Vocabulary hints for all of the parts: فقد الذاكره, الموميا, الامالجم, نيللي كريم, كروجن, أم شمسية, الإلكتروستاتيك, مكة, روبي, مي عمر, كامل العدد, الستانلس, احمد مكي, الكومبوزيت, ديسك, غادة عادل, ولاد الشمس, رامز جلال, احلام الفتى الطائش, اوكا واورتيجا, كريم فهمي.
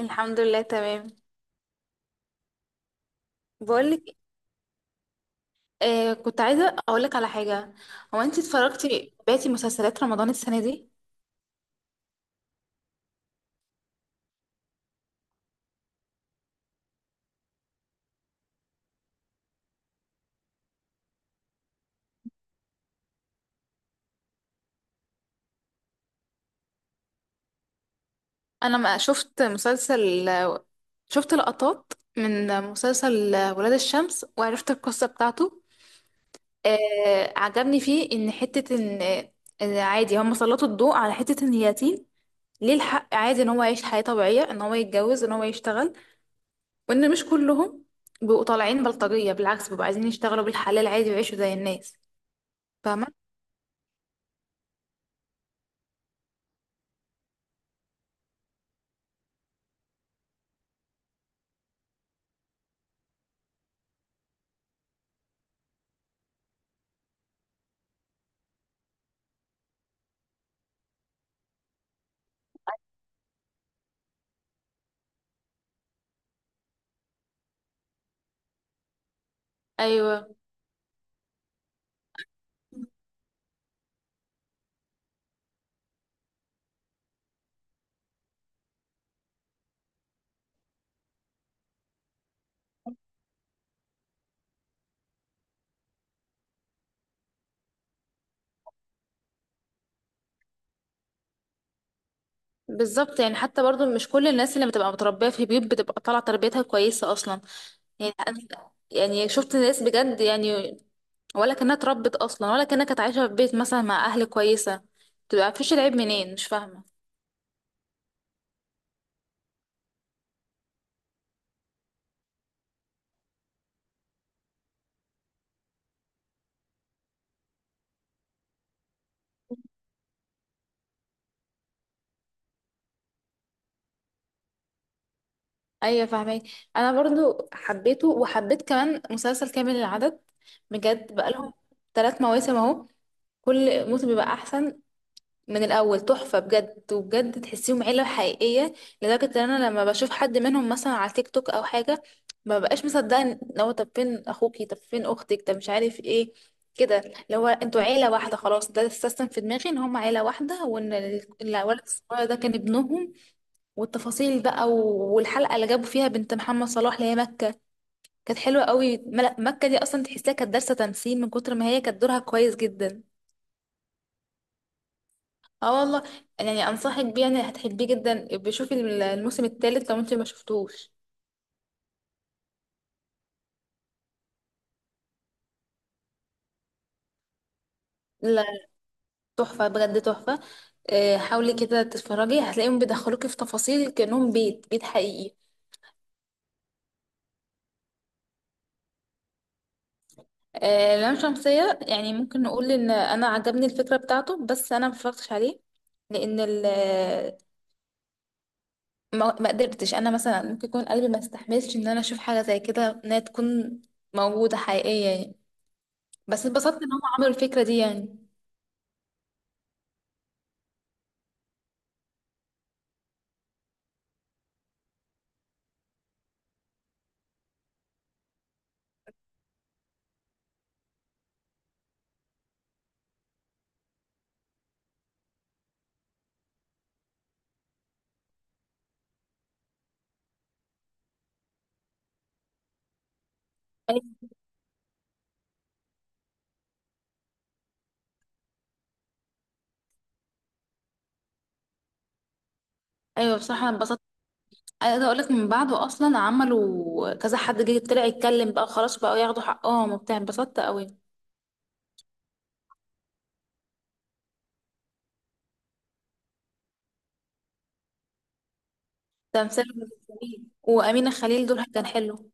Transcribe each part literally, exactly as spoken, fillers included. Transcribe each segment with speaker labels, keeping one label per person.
Speaker 1: الحمد لله تمام. بقولك. آه، كنت عايزة أقولك على حاجة. هو أنت اتفرجتي بقيتي مسلسلات رمضان السنة دي؟ أنا ما شفت مسلسل، شفت لقطات من مسلسل ولاد الشمس وعرفت القصة بتاعته. آه، عجبني فيه إن حتة إن إن عادي هم سلطوا الضوء على حتة إن اليتيم، ليه الحق عادي إن هو يعيش حياة طبيعية، إن هو يتجوز، إن هو يشتغل، وإن مش كلهم بيبقوا طالعين بلطجية، بالعكس بيبقوا عايزين يشتغلوا بالحلال عادي ويعيشوا زي الناس. ايوه، بالظبط يعني، حتى برضو مش كل الناس اللي بتبقى متربيه في بيوت بتبقى طالعه تربيتها كويسه اصلا. يعني أنا- يعني شفت ناس بجد يعني، ولا كانها اتربت اصلا، ولا كانها كانت عايشه في بيت مثلا مع اهل كويسه، بتبقى مفيش، العيب منين مش فاهمه. ايوه فاهمك. انا برضو حبيته، وحبيت كمان مسلسل كامل العدد، بجد. بقالهم ثلاث مواسم اهو، كل موسم بيبقى احسن من الاول، تحفه بجد، وبجد تحسيهم عيله حقيقيه. لدرجه ان انا لما بشوف حد منهم مثلا على تيك توك او حاجه، ما بقاش مصدقه، ان هو طب فين اخوكي، طب فين اختك، طب مش عارف ايه، كده، اللي هو انتوا عيله واحده خلاص، ده السيستم في دماغي، ان هم عيله واحده، وان ال- الولد الصغير ده كان ابنهم. والتفاصيل بقى، و- والحلقه اللي جابوا فيها بنت محمد صلاح اللي هي مكه، كانت حلوة قوي. ملا- مكة دي اصلا تحسها كانت دارسة تمثيل، من كتر ما هي كانت دورها كويس جدا. اه والله، يعني انصحك بيه، يعني هتحبيه جدا. بشوفي الم- الموسم الثالث لو انت ما شفتوش. لا، تحفة بجد، تحفة. آه، حاولي كده تتفرجي، هتلاقيهم بيدخلوكي في تفاصيل كأنهم بيت بيت حقيقي. آه، لام شمسية، يعني ممكن نقول ان انا عجبني الفكرة بتاعته، بس انا ما اتفرجتش عليه. لان ال ما ما قدرتش. انا مثلا ممكن يكون قلبي ما استحملش ان انا اشوف حاجة زي كده، انها تكون موجودة حقيقية يعني. بس اتبسطت ان هم عملوا الفكرة دي يعني. ايوه، أيوة، بصراحة انا اتبسطت. عايزه اقول لك، من بعده اصلا عملوا كذا حد جه طلع يتكلم بقى، خلاص بقوا ياخدوا حقهم وبتاع، انبسطت قوي. تمثال جميل، وامينه خليل دورها كان حلو.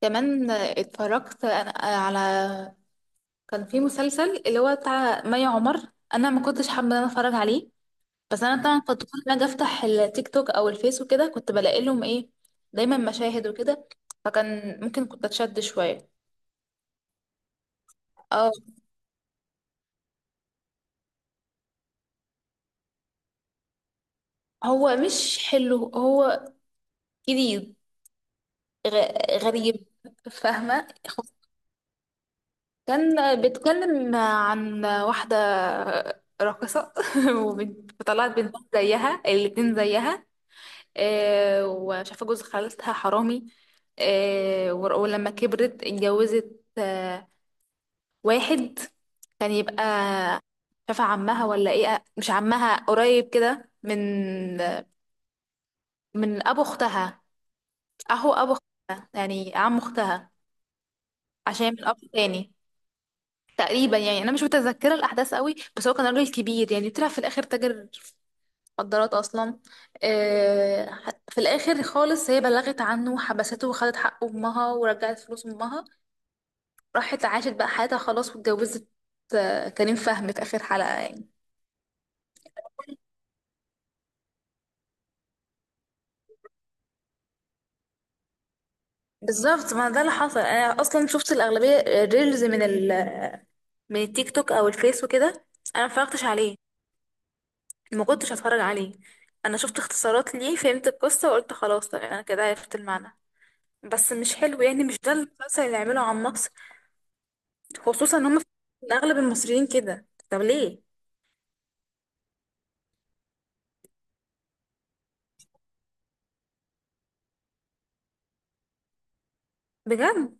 Speaker 1: كمان اتفرجت انا على، كان في مسلسل اللي هو بتاع مي عمر، انا ما كنتش حابه ان انا اتفرج عليه، بس انا طبعا كنت كل ما اجي افتح التيك توك او الفيس وكده كنت بلاقي لهم ايه، دايما مشاهد وكده، فكان ممكن كنت اتشد شويه. اه، هو مش حلو، هو جديد، غ- غريب. فاهمة. كان بيتكلم عن واحدة راقصة وبنت- فطلعت بنت زيها، الاتنين زيها. آه، وشافة جوز خالتها حرامي. آه، ور- ولما كبرت اتجوزت آه، واحد، كان يبقى شافة عمها، ولا ايه؟ مش عمها، قريب كده، من من ابو اختها، اهو ابو اختها يعني عم اختها، عشان من اب تاني. تقريبا يعني انا مش متذكره الاحداث قوي، بس هو كان راجل كبير، يعني طلع في الاخر تاجر في مخدرات اصلا. آه، في الاخر خالص هي بلغت عنه وحبسته، وخدت حق امها، ورجعت فلوس امها، راحت عاشت بقى حياتها خلاص، واتجوزت آه، كريم فهمي في اخر حلقه يعني. بالظبط، ما ده اللي حصل، انا اصلا شفت الاغلبيه ريلز من ال من التيك توك او الفيس وكده، انا ما اتفرجتش عليه، ما كنتش هتفرج عليه. انا شفت اختصارات ليه، فهمت القصه وقلت خلاص تمام، انا كده عرفت المعنى. بس مش حلو يعني، مش ده المسلسل اللي يعمله عن مصر، خصوصا ان هم في- إن اغلب المصريين كده، طب ليه؟ بجد،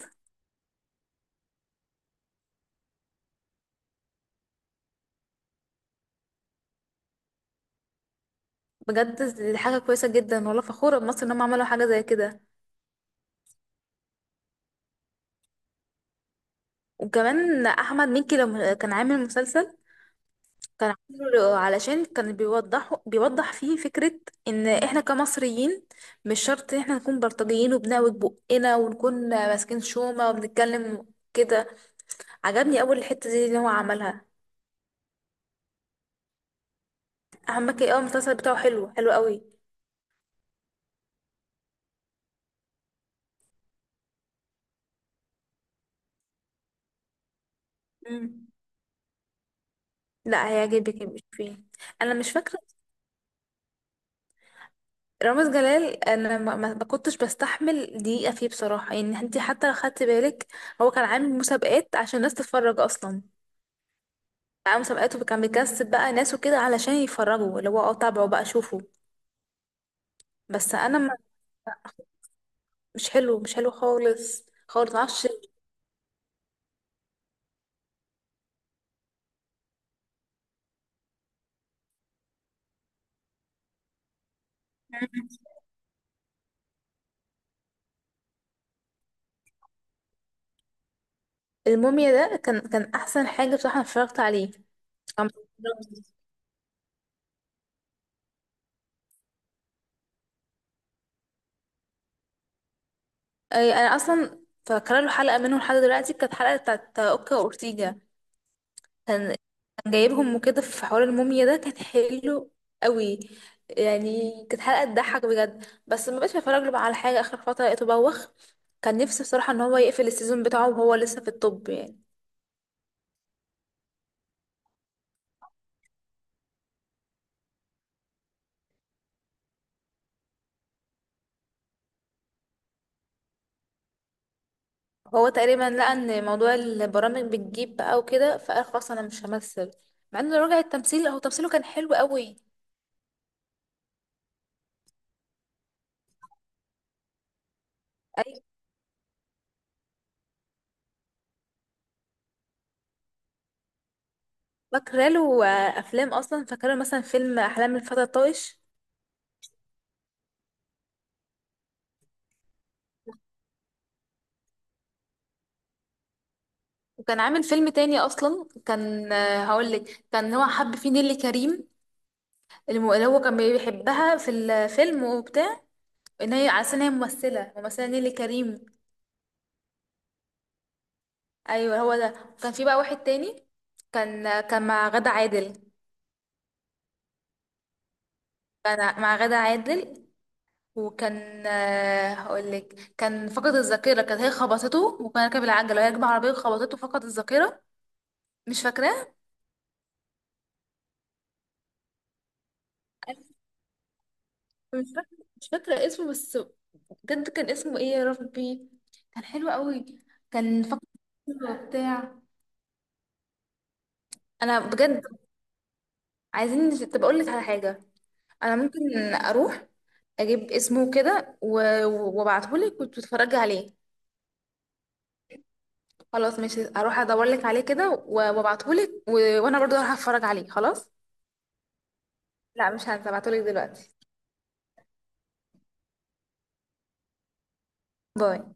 Speaker 1: بجد دي حاجه كويسه جدا والله، فخوره بمصر ان هم عملوا حاجه زي كده. وكمان احمد مكي لما كان عامل مسلسل، كان عامله علشان كان بيوضحوا بيوضح فيه فكره، ان احنا كمصريين مش شرط ان احنا نكون بلطجيين وبنعوج بقنا ونكون ماسكين شومه وبنتكلم كده. عجبني اول الحته دي اللي هو عملها. احمد مكي اول المسلسل بتاعه حلو، حلو قوي. مم. لا، هيعجبك، مش فيه. انا مش فاكره. رامز جلال، انا ما, ما ما كنتش بستحمل دقيقه فيه بصراحه، يعني انت حتى لو خدت بالك، هو كان عامل مسابقات عشان الناس تتفرج اصلا، عامل مسابقات وكان بيكسب بقى ناس وكده علشان يتفرجوا اللي هو، اه تابعوا بقى شوفوا. بس انا ما مش حلو، مش حلو، خالص خالص، معرفش. الموميا ده كان كان احسن حاجه بصراحه، انا اتفرجت عليه. كان- أي- انا اصلا فاكره له حلقه منه لحد دلوقتي، كانت حلقه بتاعت اوكا واورتيجا، كان كان جايبهم وكده في حوار، الموميا ده كان حلو قوي، يعني كانت حلقة تضحك بجد، بس ما بقتش بتفرج له بقى على حاجة، آخر فترة لقيته بوخ. كان نفسي بصراحة ان هو يقفل السيزون بتاعه وهو لسه في الطب يعني. هو تقريبا لقى ان موضوع البرامج بتجيب بقى وكده، فقال خلاص انا مش همثل، مع انه رجع التمثيل، هو تمثيله كان حلو قوي. أي- فاكره له آه، افلام اصلا، فاكره له مثلا فيلم احلام الفتى الطائش. وكان عامل فيلم تاني اصلا كان هقول لك، كان هو حب فيه نيللي كريم، الم- اللي هو كان بيحبها في الفيلم وبتاع، ان هي على أساس ان هي ممثله ممثله نيلي كريم. ايوه، هو ده. كان في بقى واحد تاني، كان كان مع غادة عادل، كان مع غادة عادل، وكان آه، هقول لك، كان فقد الذاكره، كانت هي خبطته وكان راكب العجله وهي راكبه عربيه، خبطته فقد الذاكره. مش فاكراه، مش فاكره مش فاكره اسمه بس، بجد كان اسمه ايه يا ربي، كان حلو قوي. كان فقد الذاكرة وبتاع. انا بجد عايزين، طب اقول لك على حاجه، انا ممكن اروح اجيب اسمه كده و- و- وابعته لك وتتفرجي عليه. خلاص ماشي، اروح ادور لك عليه كده و- وابعته لك و... وانا برضو هروح اتفرج عليه خلاص. لا، مش هبعته لك دلوقتي. باي.